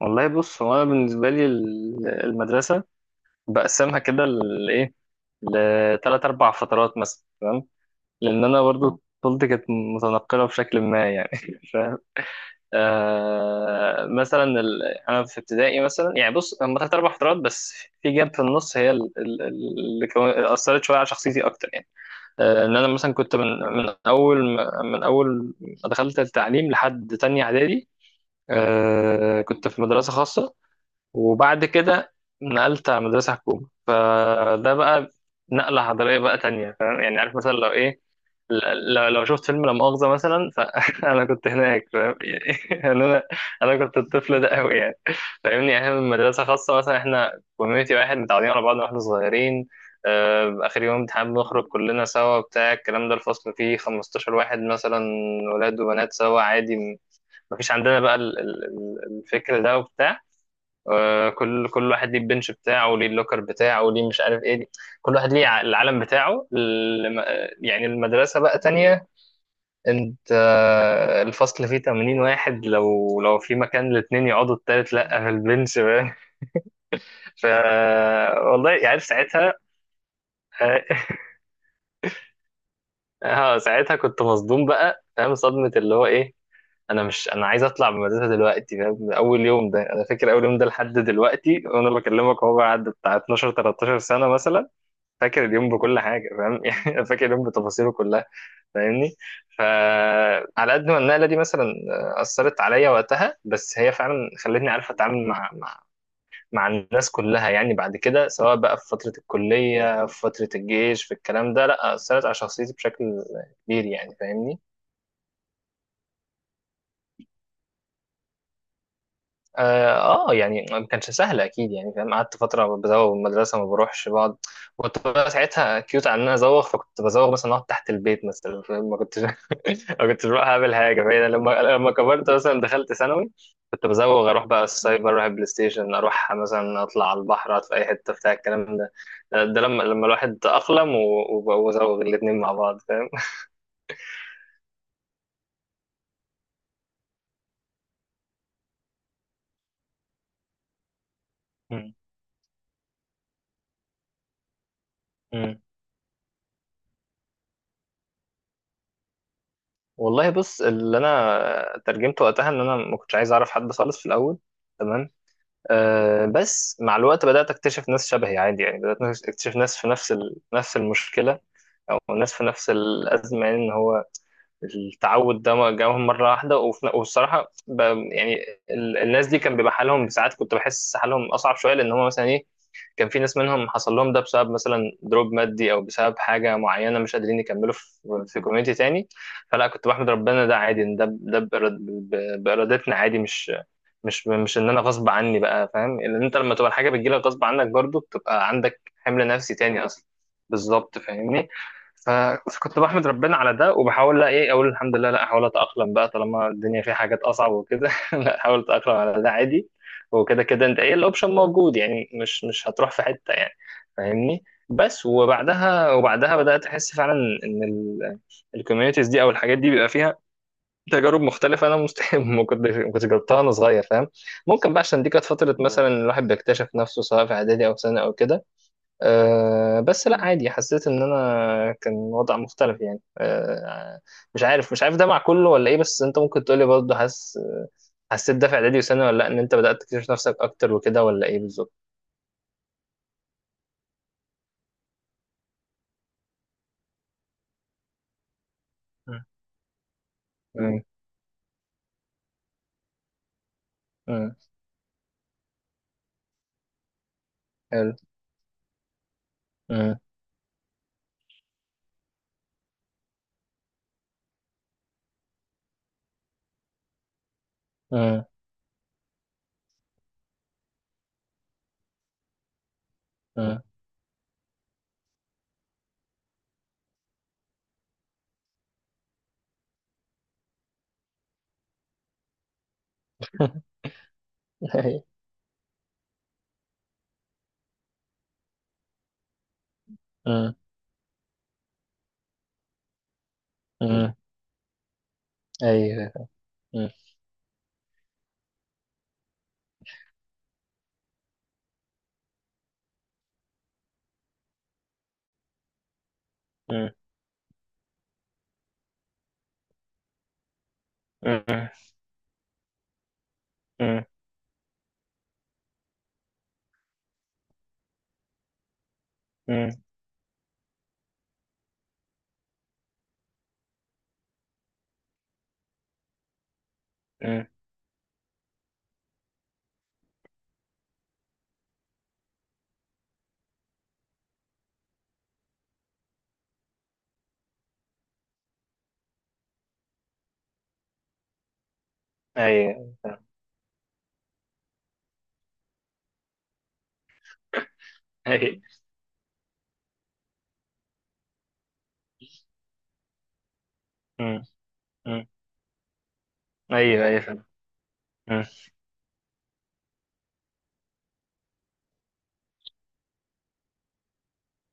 والله بص، هو انا بالنسبه لي المدرسه بقسمها كده لايه، لثلاث اربع فترات مثلا. تمام. لان انا برضو طفولتي كانت متنقله بشكل ما يعني. فاهم؟ مثلا انا في ابتدائي مثلا، يعني بص هم ثلاث اربع فترات بس. في جاب في النص، هي اللي اثرت شويه على شخصيتي اكتر يعني. ان انا مثلا كنت من اول ما دخلت التعليم لحد تانية اعدادي. كنت في مدرسه خاصه، وبعد كده نقلت على مدرسة حكومة. فده بقى نقلة حضارية بقى تانية، فاهم يعني؟ عارف مثلا، لو إيه، لو شفت فيلم لا مؤاخذة مثلا، فأنا كنت هناك، فاهم يعني؟ أنا أنا كنت الطفل ده أوي يعني، فاهمني؟ يعني إحنا من مدرسة خاصة مثلا، إحنا كوميونيتي واحد، متعودين على بعض وإحنا صغيرين. آخر يوم امتحان بنخرج كلنا سوا، بتاع الكلام ده. الفصل فيه 15 واحد مثلا، ولاد وبنات سوا عادي. مفيش عندنا بقى الفكر ده وبتاع. كل واحد ليه البنش بتاعه، ليه اللوكر بتاعه، ليه مش عارف ايه. كل واحد ليه العالم بتاعه. يعني المدرسة بقى تانية. انت، الفصل فيه 80 واحد، لو في مكان الاتنين يقعدوا التالت لا في البنش بقى. ف والله يعني، ساعتها اه ساعتها كنت مصدوم بقى، فاهم، صدمة اللي هو ايه. انا مش، انا عايز اطلع من المدرسه دلوقتي، فاهم. من اول يوم ده، انا فاكر اول يوم ده لحد دلوقتي وانا بكلمك، هو بعد بتاع 12 13 سنه مثلا. فاكر اليوم بكل حاجه، فاهم. يعني فاكر اليوم بتفاصيله كلها، فاهمني. فعلى قد ما النقله دي مثلا اثرت عليا وقتها، بس هي فعلا خلتني عارف اتعامل مع الناس كلها يعني. بعد كده، سواء بقى في فتره الكليه، في فتره الجيش، في الكلام ده، لا اثرت على شخصيتي بشكل كبير يعني، فاهمني. اه. يعني ما كانش سهل اكيد يعني، فاهم. قعدت فتره بزوغ من المدرسه ما بروحش، بقعد. كنت بقى ساعتها كيوت على ان انا ازوغ، فكنت بزوغ مثلا، اقعد تحت البيت مثلا، فاهم. ما كنتش ما كنتش بروح اعمل حاجه، فاهم. لما كبرت مثلا دخلت ثانوي. كنت بزوغ، اروح بقى السايبر، اروح البلاي ستيشن، اروح مثلا اطلع على البحر، اقعد في اي حته، بتاع الكلام ده. ده لما الواحد اقلم وزوغ الاثنين مع بعض، فاهم. مم. مم. والله بص، اللي انا ترجمته وقتها ان انا ما كنتش عايز اعرف حد خالص في الاول. تمام. بس مع الوقت بدأت أكتشف ناس شبهي عادي يعني. بدأت أكتشف ناس في نفس المشكلة، أو ناس في نفس الأزمة، يعني إن هو التعود ده ما جاهم مرة واحدة. يعني الناس دي كان بيبقى حالهم، ساعات كنت بحس حالهم أصعب شوية، لأن هم مثلا إيه، كان في ناس منهم حصل لهم ده بسبب مثلا دروب مادي، أو بسبب حاجة معينة مش قادرين يكملوا في كوميونتي تاني. فلا كنت بحمد ربنا ده عادي، إن ده بإرادتنا عادي، مش ان انا غصب عني بقى، فاهم. لان انت لما تبقى الحاجه بتجيلك غصب عنك، برضو بتبقى عندك حمل نفسي تاني اصلا. بالظبط، فاهمني. ف- فكنت بحمد ربنا على ده، وبحاول لا، ايه، اقول الحمد لله. لا، احاول اتاقلم بقى طالما الدنيا فيها حاجات اصعب وكده. لا، احاول اتاقلم على ده عادي. وكده كده، انت، ايه، الاوبشن موجود يعني، مش هتروح في حته يعني، فاهمني. بس وبعدها، بدات احس فعلا ان الكوميونيتيز دي او الحاجات دي بيبقى فيها تجارب مختلفة. أنا مستحيل ما كنتش جربتها وأنا صغير، فاهم. ممكن بقى عشان دي كانت فترة مثلا الواحد بيكتشف نفسه، سواء في إعدادي أو سنة أو كده. بس لا عادي، حسيت إن أنا كان وضع مختلف يعني. مش عارف ده مع كله ولا إيه، بس أنت ممكن تقولي برضه. حسيت ده في إعدادي وسنة ولا لأ؟ إن أنت بدأت تكتشف نفسك أكتر وكده، ولا إيه بالظبط؟ مم. مم. مم. حلو. مم. مم. مم. أيوه. مم. مم. أيوه. مم. مم. مم. مم. مم. ايوه، فاهم. ايوه. أمم. أمم. ايوه، ايوه، فاهم. أمم.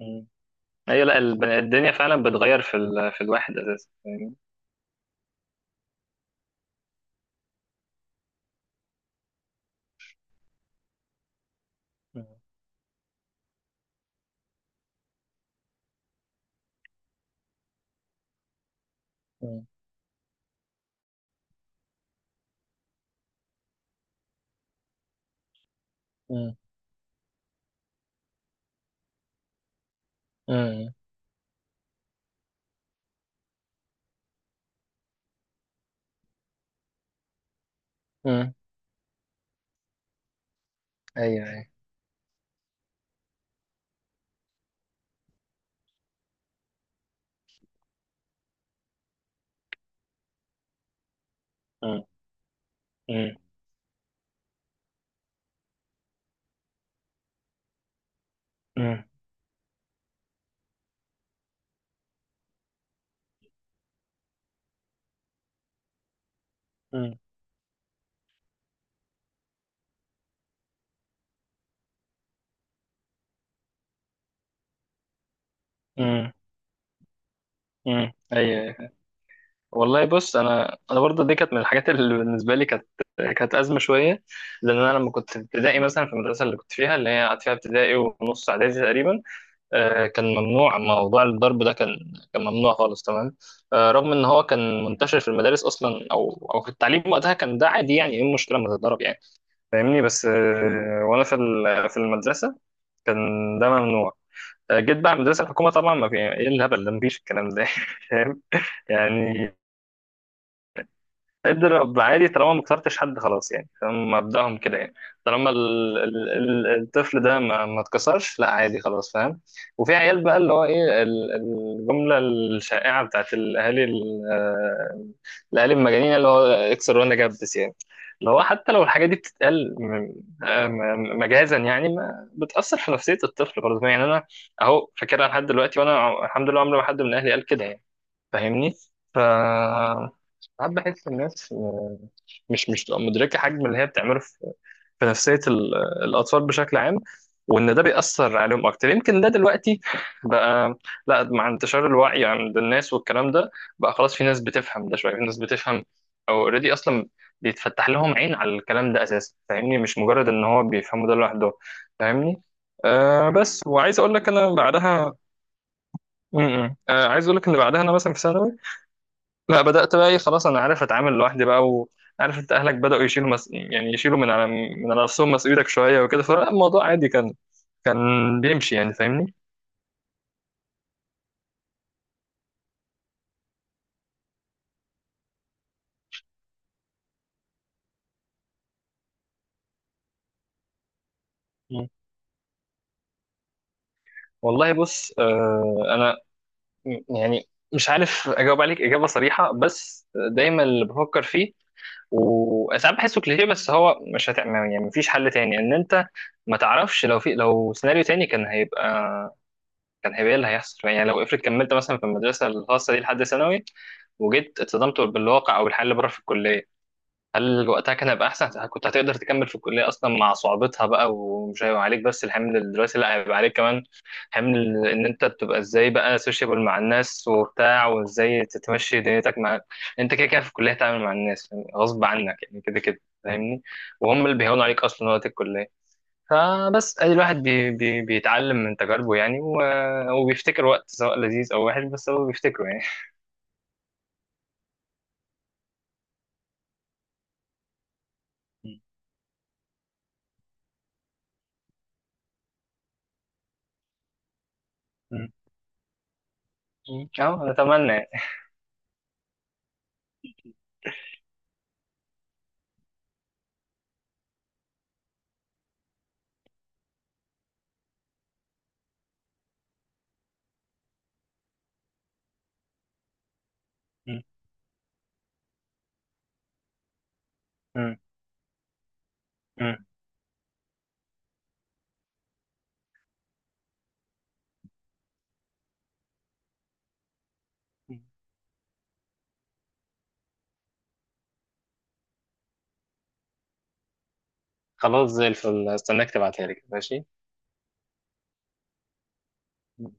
أمم. ايوه، لا الدنيا فعلا بتغير في في الواحد اساسا، فاهمني؟ أمم. أمم. أمم. أمم. أمم. ايوه، ايوه. أمم. أمم. أمم. أمم. أمم. أمم. ايوه، أيوة. والله بص، انا، برضه دي كانت من الحاجات اللي بالنسبه لي كانت، ازمه شويه. لان انا لما كنت في ابتدائي مثلا، في المدرسه اللي كنت فيها، اللي هي قعدت فيها ابتدائي ونص اعدادي تقريبا، كان ممنوع موضوع الضرب ده، كان ممنوع خالص. تمام. رغم ان هو كان منتشر في المدارس اصلا، او في التعليم وقتها كان ده عادي. يعني ايه المشكله ما تتضرب يعني، فاهمني. بس، وانا في المدرسه كان ده ممنوع. جيت بقى المدرسه الحكومه، طبعا ما في ايه الهبل ده، مفيش الكلام ده. فاهم يعني، اضرب عادي، طالما ما كسرتش حد خلاص يعني، فاهم. مبدأهم كده يعني، طالما الطفل ده ما اتكسرش، لا عادي خلاص، فاهم. وفي عيال بقى اللي هو ايه الجملة الشائعة بتاعت الاهالي، الاهالي المجانين، اللي هو اكسر وانا جبس يعني. اللي هو حتى لو الحاجة دي بتتقال مجازا يعني، ما بتأثر في نفسية الطفل برضه يعني. انا اهو فاكرها لحد دلوقتي، وانا الحمد لله عمري ما حد من اهلي قال كده يعني، فاهمني. ف ساعات بحس الناس، مش بتبقى مدركه حجم اللي هي بتعمله في نفسيه الاطفال بشكل عام، وان ده بيأثر عليهم اكتر. يمكن ده دلوقتي بقى، لا، مع انتشار الوعي عند الناس والكلام ده، بقى خلاص في ناس بتفهم ده شويه، في ناس بتفهم او اوريدي اصلا بيتفتح لهم عين على الكلام ده اساسا، فاهمني. مش مجرد ان هو بيفهموا ده لوحده، فاهمني. بس وعايز اقول لك انا بعدها م -م. عايز اقول لك ان بعدها انا مثلا في ثانوي، لا بدأت بقى، ايه، خلاص انا عارف اتعامل لوحدي بقى. وعارف، انت اهلك بدأوا يشيلوا يعني يشيلوا من على نفسهم مسؤوليتك شوية وكده. فالموضوع عادي، كان بيمشي يعني، فاهمني. مم. والله بص، انا، يعني مش عارف اجاوب عليك اجابة صريحة، بس دايما اللي بفكر فيه وساعات بحسه كليشيه، بس هو مش هتعمل يعني، مفيش حل تاني. ان انت ما تعرفش، لو في، لو سيناريو تاني كان هيبقى، إيه اللي هيحصل يعني، لو افرض كملت مثلا في المدرسه الخاصه دي لحد ثانوي وجيت اتصدمت بالواقع او بالحياه اللي بره في الكليه، هل وقتها كان هيبقى احسن؟ كنت هتقدر تكمل في الكليه اصلا مع صعوبتها بقى؟ ومش هيبقى عليك بس الحمل الدراسي، لا هيبقى عليك كمان حمل ان انت بتبقى ازاي بقى سوشيبل مع الناس وبتاع، وازاي تتمشي دنيتك مع. انت كده كده في الكليه هتتعامل مع الناس يعني غصب عنك يعني، كده كده، فاهمني. وهم اللي بيهونوا عليك اصلا وقت الكليه. فبس ادي الواحد بي بي بيتعلم من تجاربه يعني، وبيفتكر وقت سواء لذيذ او وحش، بس هو بيفتكره يعني. مم. مم. اه، اتمنى يعني. مم. مم. مم. مم. خلاص، زي الفل. استناك تبعتها لي، ماشي. مم.